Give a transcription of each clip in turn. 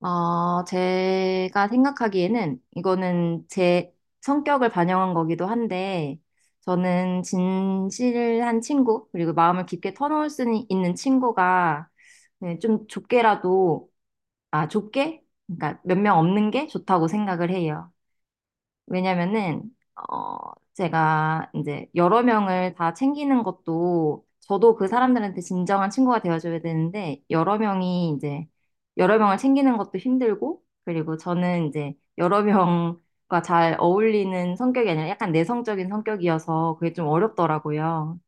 제가 생각하기에는 이거는 제 성격을 반영한 거기도 한데, 저는 진실한 친구, 그리고 마음을 깊게 터놓을 수 있는 친구가, 네, 좀 좁게라도, 아, 좁게? 그러니까 몇 명 없는 게 좋다고 생각을 해요. 왜냐면은 어 제가 이제 여러 명을 다 챙기는 것도 저도 그 사람들한테 진정한 친구가 되어줘야 되는데 여러 명이 이제 여러 명을 챙기는 것도 힘들고, 그리고 저는 이제 여러 명과 잘 어울리는 성격이 아니라 약간 내성적인 성격이어서 그게 좀 어렵더라고요.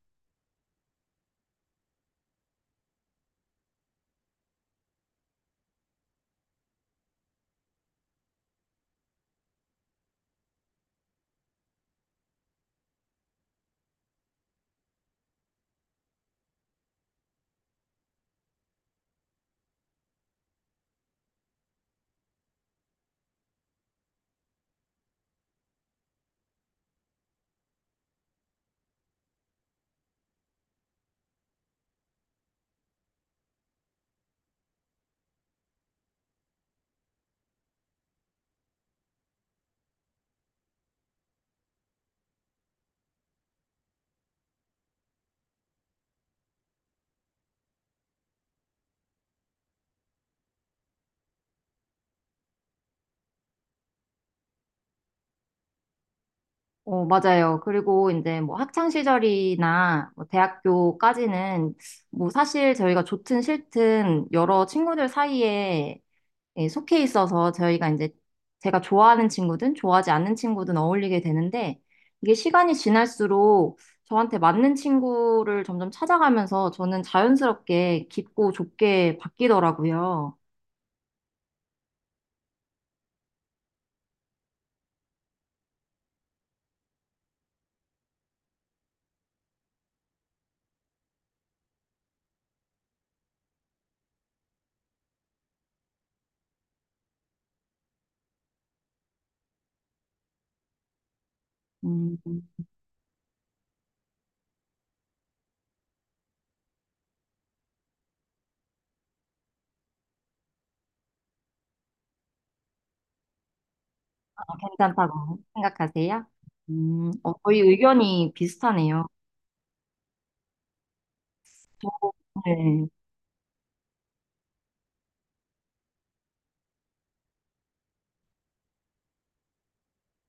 어, 맞아요. 그리고 이제 뭐 학창 시절이나 뭐 대학교까지는 뭐 사실 저희가 좋든 싫든 여러 친구들 사이에, 예, 속해 있어서 저희가 이제 제가 좋아하는 친구든 좋아하지 않는 친구든 어울리게 되는데, 이게 시간이 지날수록 저한테 맞는 친구를 점점 찾아가면서 저는 자연스럽게 깊고 좁게 바뀌더라고요. 음, 괜찮다고 생각하세요? 저희 의견이 비슷하네요. 네,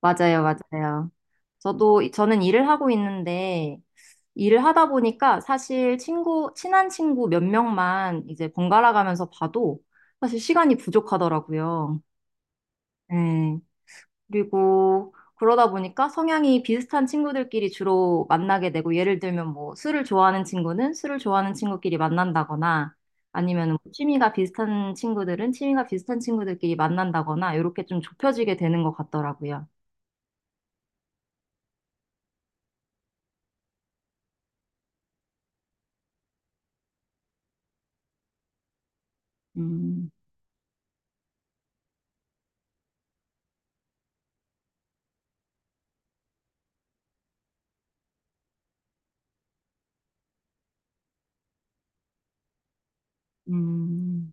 맞아요, 맞아요. 저도, 저는 일을 하고 있는데, 일을 하다 보니까 사실 친구, 친한 친구 몇 명만 이제 번갈아 가면서 봐도 사실 시간이 부족하더라고요. 네. 그리고 그러다 보니까 성향이 비슷한 친구들끼리 주로 만나게 되고, 예를 들면 뭐 술을 좋아하는 친구는 술을 좋아하는 친구끼리 만난다거나 아니면 뭐 취미가 비슷한 친구들은 취미가 비슷한 친구들끼리 만난다거나, 이렇게 좀 좁혀지게 되는 것 같더라고요. 음, 음.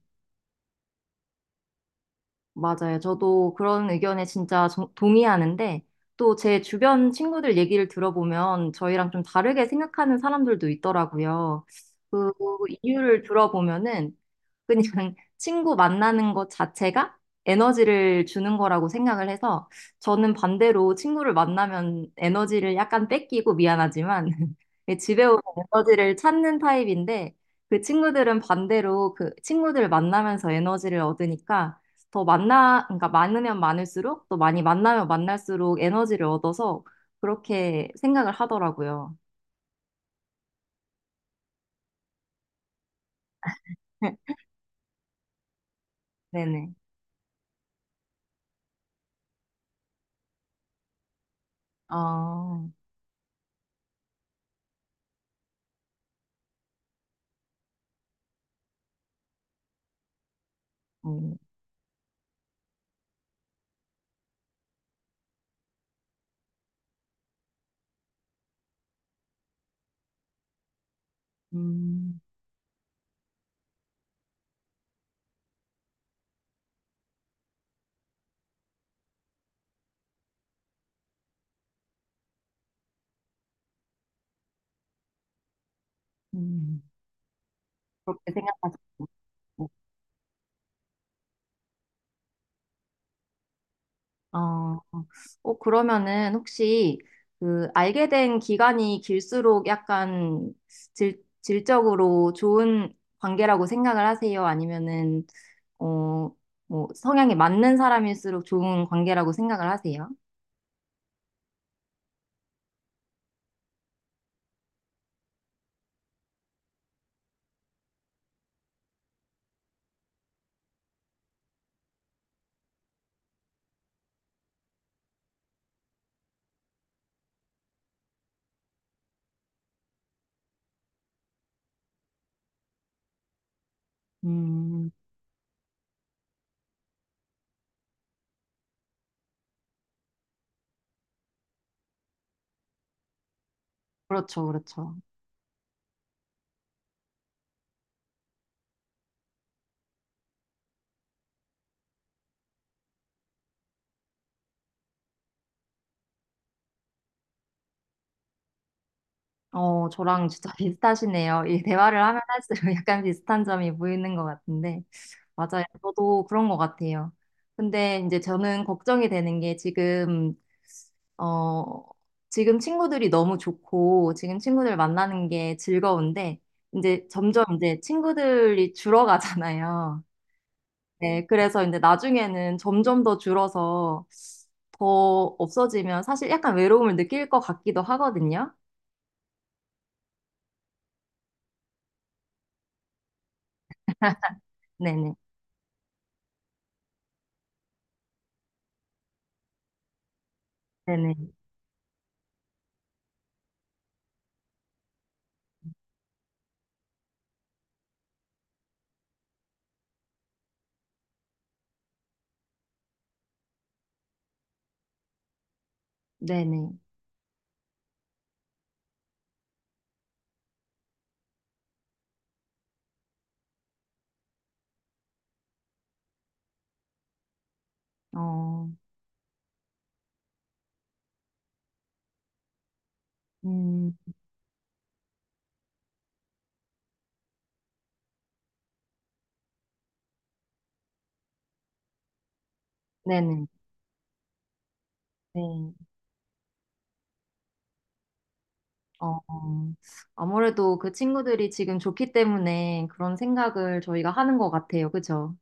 맞아요. 저도 그런 의견에 진짜 동의하는데 또 제 주변 친구들 얘기를 들어보면 저희랑 좀 다르게 생각하는 사람들도 있더라고요. 그 이유를 들어보면은 그냥 친구 만나는 것 자체가 에너지를 주는 거라고 생각을 해서, 저는 반대로 친구를 만나면 에너지를 약간 뺏기고 미안하지만 집에 오면 에너지를 찾는 타입인데, 그 친구들은 반대로 그 친구들 만나면서 에너지를 얻으니까 그러니까 많으면 많을수록, 또 많이 만나면 만날수록 에너지를 얻어서 그렇게 생각을 하더라고요. 네네. 아, 음, 음. 그렇게 생각하시고. 어, 그러면은 혹시 그 알게 된 기간이 길수록 약간 질적으로 좋은 관계라고 생각을 하세요? 아니면은 어, 뭐 성향이 맞는 사람일수록 좋은 관계라고 생각을 하세요? 음, 그렇죠, 그렇죠. 어, 저랑 진짜 비슷하시네요. 이 대화를 하면 할수록 약간 비슷한 점이 보이는 것 같은데. 맞아요. 저도 그런 것 같아요. 근데 이제 저는 걱정이 되는 게 지금, 어, 지금 친구들이 너무 좋고, 지금 친구들 만나는 게 즐거운데, 이제 점점 이제 친구들이 줄어가잖아요. 네, 그래서 이제 나중에는 점점 더 줄어서 더 없어지면 사실 약간 외로움을 느낄 것 같기도 하거든요. 네네, 네네, 네네, 어, 음, 네네, 네. 어, 아무래도 그 친구들이 지금 좋기 때문에 그런 생각을 저희가 하는 것 같아요. 그죠?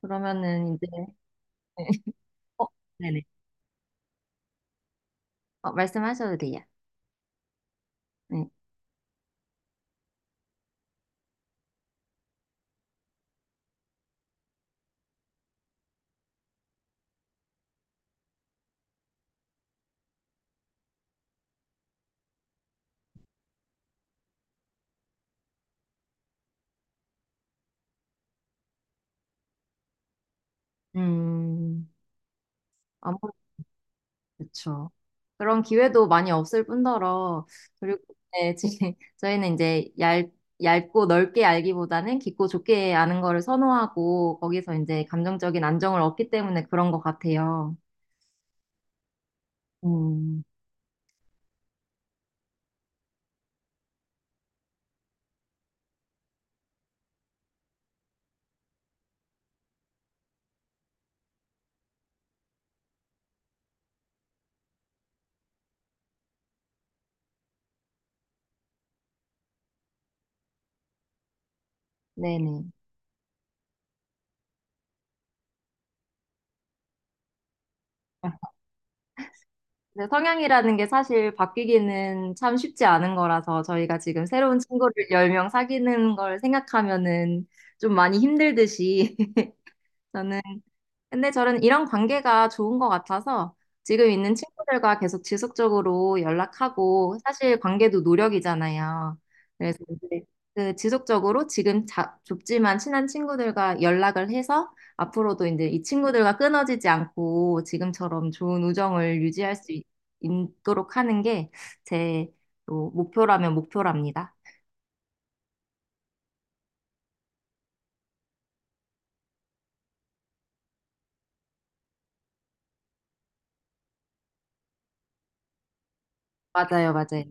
그러면은 이제, 어, 네네. 어, 말씀하셔도 돼요. 네. 음, 아무래도 그렇죠. 그런 기회도 많이 없을 뿐더러, 그리고 네, 지금 저희는 얇고 넓게 알기보다는 깊고 좁게 아는 거를 선호하고, 거기서 이제 감정적인 안정을 얻기 때문에 그런 것 같아요. 음, 네네. 근데 성향이라는 게 사실 바뀌기는 참 쉽지 않은 거라서, 저희가 지금 새로운 친구를 10명 사귀는 걸 생각하면은 좀 많이 힘들듯이 저는 근데 저는 이런 관계가 좋은 것 같아서 지금 있는 친구들과 계속 지속적으로 연락하고, 사실 관계도 노력이잖아요. 그래서 이제 그 지속적으로 지금 좁지만 친한 친구들과 연락을 해서 앞으로도 이제 이 친구들과 끊어지지 않고 지금처럼 좋은 우정을 유지할 수 있, 도록 하는 게 제 목표라면 목표랍니다. 맞아요, 맞아요.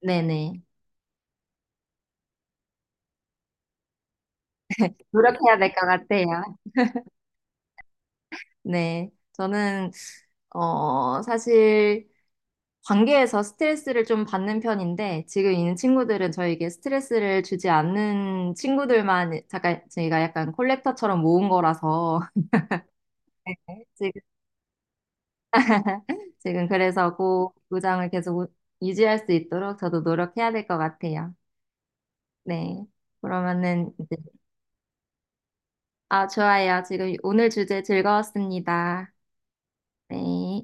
네네. 노력해야 될 것 같아요. 네, 저는 사실 관계에서 스트레스를 좀 받는 편인데 지금 있는 친구들은 저에게 스트레스를 주지 않는 친구들만 잠깐 저희가 약간 콜렉터처럼 모은 거라서 지금 지금 그래서 그 구장을 계속 유지할 수 있도록 저도 노력해야 될 것 같아요. 네, 그러면은 이제 아 좋아요. 지금 오늘 주제 즐거웠습니다. 네.